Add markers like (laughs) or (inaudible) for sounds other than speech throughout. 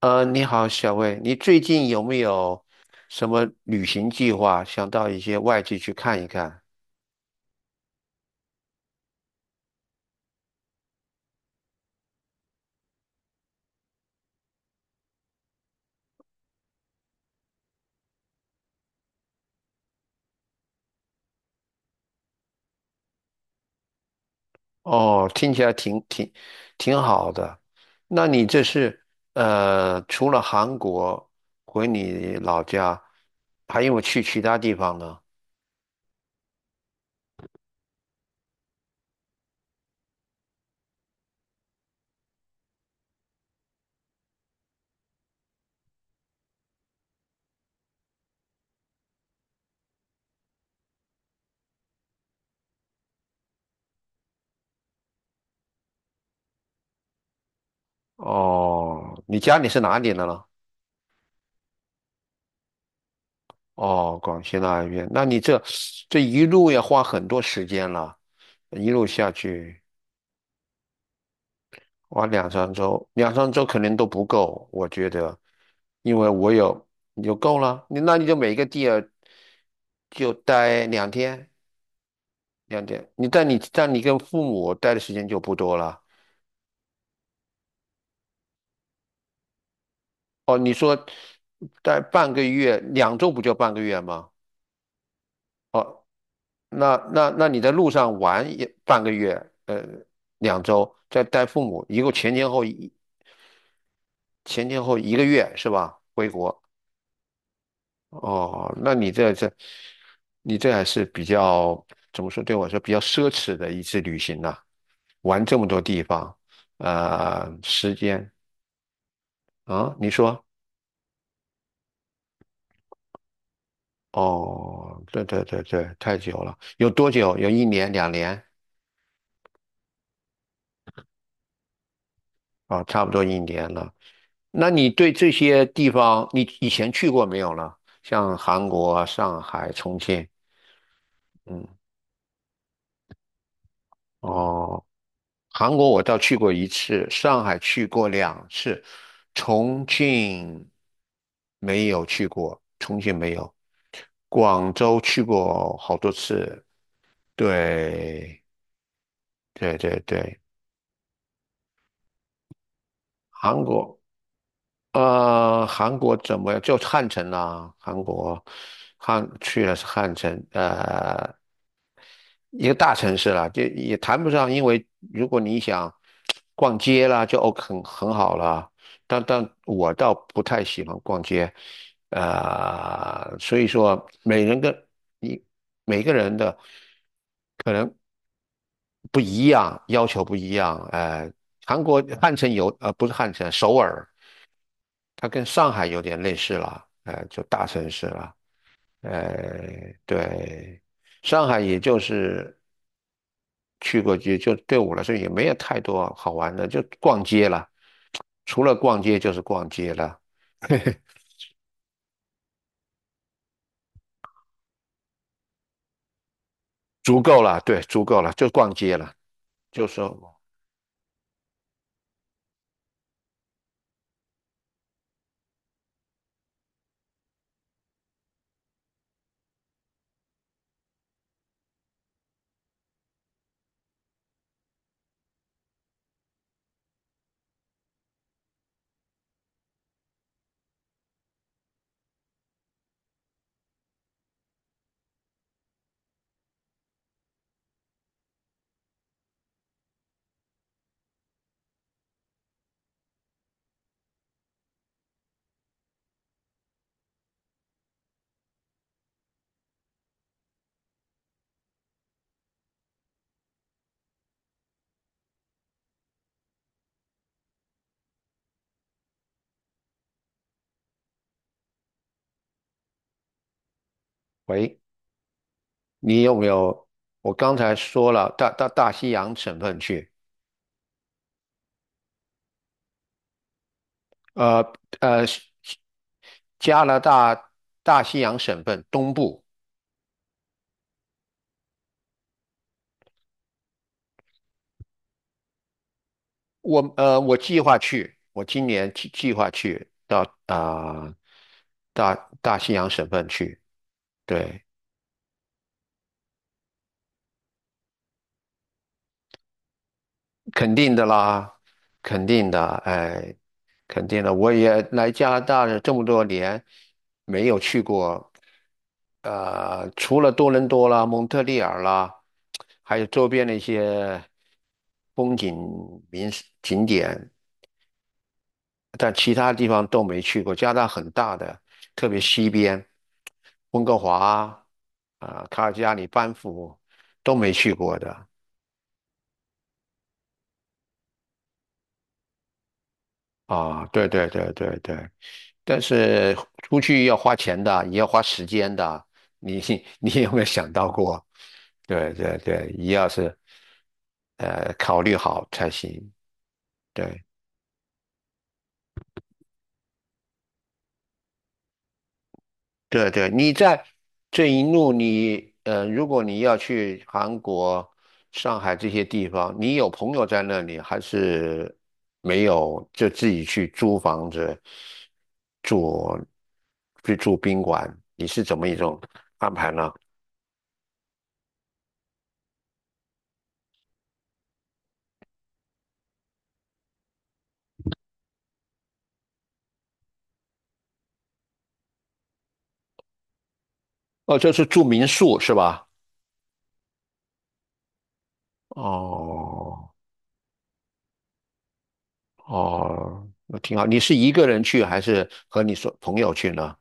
你好，小魏，你最近有没有什么旅行计划？想到一些外地去看一看？哦，听起来挺好的。那你这是除了韩国回你老家，还有没有去其他地方呢？哦，你家里是哪里的呢？哦，广西那一边。那你这一路要花很多时间了，一路下去。哇，两三周，两三周肯定都不够，我觉得，因为我有你就够了，你每个地儿就待两天，两天，你但你但你跟父母待的时间就不多了。哦，你说待半个月，两周不就半个月吗？哦，那你在路上玩也半个月，两周，再带父母，一共前前后一个月是吧？回国。哦，那你这这，你这还是比较怎么说？对我来说比较奢侈的一次旅行呐、玩这么多地方，时间啊，你说？哦，对对对对，太久了，有多久？有一年、两年啊，差不多一年了。那你对这些地方，你以前去过没有呢？像韩国啊上海、重庆，嗯，哦。韩国我倒去过一次，上海去过两次，重庆没有去过，重庆没有，广州去过好多次。对，对对对，韩国，韩国怎么样？就汉城啦、啊，韩国汉去了是汉城，一个大城市啦，就也谈不上，因为如果你想逛街啦，就 OK 很好啦。但我倒不太喜欢逛街，所以说你每个人的可能不一样，要求不一样。韩国汉城有，不是汉城，首尔，它跟上海有点类似了，就大城市了，对。上海也就是去过街，就对我来说也没有太多好玩的，就逛街了。除了逛街就是逛街了，足够了，对，足够了，就逛街了。就说，喂，你有没有？我刚才说了，到大西洋省份去，呃呃，加拿大大西洋省份东部，我计划去，我今年计划去到啊、呃大大西洋省份去，对。肯定的啦，肯定的，哎，肯定的。我也来加拿大这么多年，没有去过，除了多伦多啦、蒙特利尔啦，还有周边的一些风景名胜景点，但其他地方都没去过。加拿大很大的，特别西边，温哥华啊、卡尔加里、班夫都没去过的啊。对对对对对。但是出去要花钱的，也要花时间的。你 (laughs) 你有没有想到过？对对对，一要是考虑好才行。对对对，你在这一路你如果你要去韩国、上海这些地方，你有朋友在那里，还是没有？就自己去租房子住，去住宾馆，你是怎么一种安排呢？哦，就是住民宿是吧？哦哦，那挺好。你是一个人去还是和你说朋友去呢？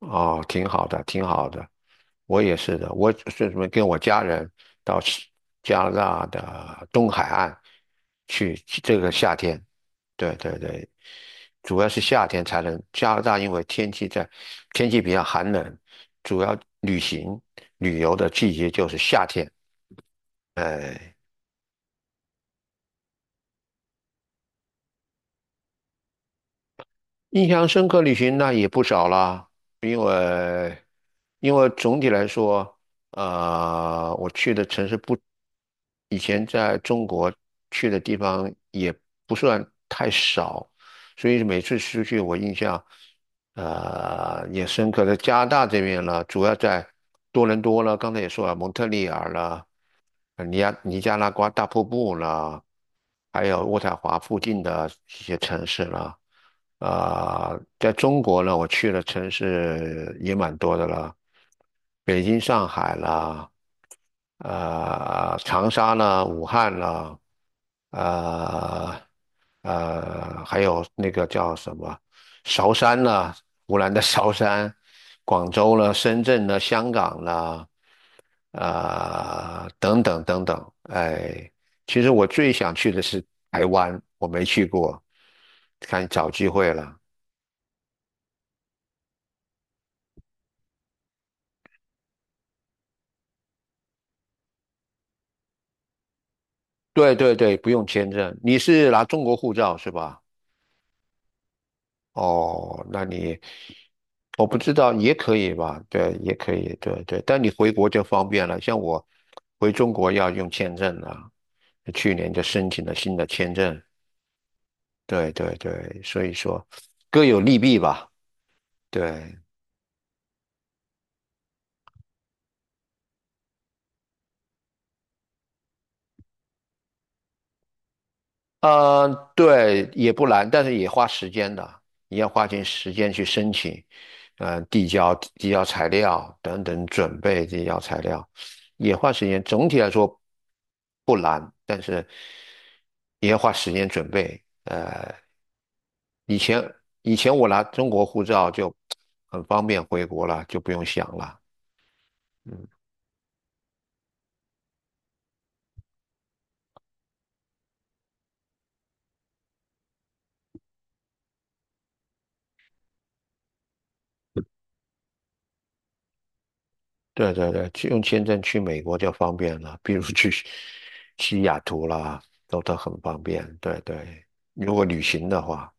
哦，挺好的，挺好的。我也是的，我是什么跟我家人到是加拿大的东海岸去，去这个夏天。对对对，主要是夏天才能。加拿大因为天气比较寒冷，主要旅游的季节就是夏天。哎。印象深刻旅行那也不少啦，因为因为总体来说，我去的城市不，以前在中国去的地方也不算太少，所以每次出去我印象，也深刻。在加拿大这边了，主要在多伦多了，刚才也说了，蒙特利尔了，尼亚尼加拉瓜大瀑布啦，还有渥太华附近的一些城市啦。啊、在中国呢，我去的城市也蛮多的了，北京、上海啦，长沙啦，武汉啦，呃还有那个叫什么韶山啦，湖南的韶山，广州啦，深圳啦，香港啦。啊、等等等等，哎，其实我最想去的是台湾，我没去过，看找机会了。对对对，不用签证，你是拿中国护照是吧？哦，那你我不知道也可以吧？对，也可以，对对。但你回国就方便了，像我回中国要用签证了，去年就申请了新的签证。对对对，所以说各有利弊吧。对，嗯，对，也不难，但是也花时间的，你要花点时间去申请，嗯，递交材料等等，准备递交材料，也花时间。总体来说不难，但是也要花时间准备。以前以前我拿中国护照就很方便回国了，就不用想了。嗯。对对对，去用签证去美国就方便了，比如 (laughs) 去西雅图啦，都很方便。对对，如果旅行的话，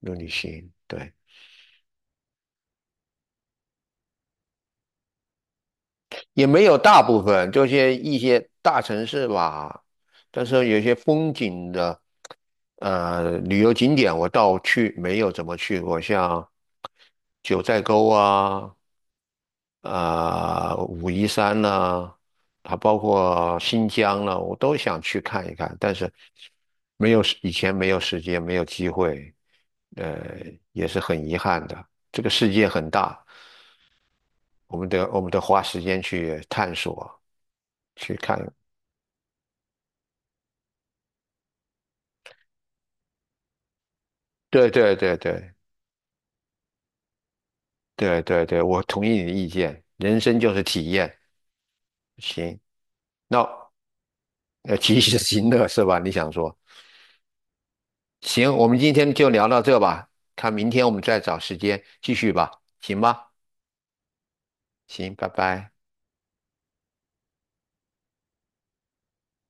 如果旅行，对，也没有大部分，就是一些大城市吧。但是有些风景的旅游景点，我倒去没有怎么去过，像九寨沟啊，啊、武夷山呢，还包括新疆呢，我都想去看一看，但是没有时以前没有时间，没有机会，呃，也是很遗憾的。这个世界很大，我们得花时间去探索，去看。对对对对对对对，我同意你的意见，人生就是体验。行，那及时行乐是吧？你想说？行，我们今天就聊到这吧，看明天我们再找时间继续吧，行吧？行，拜拜。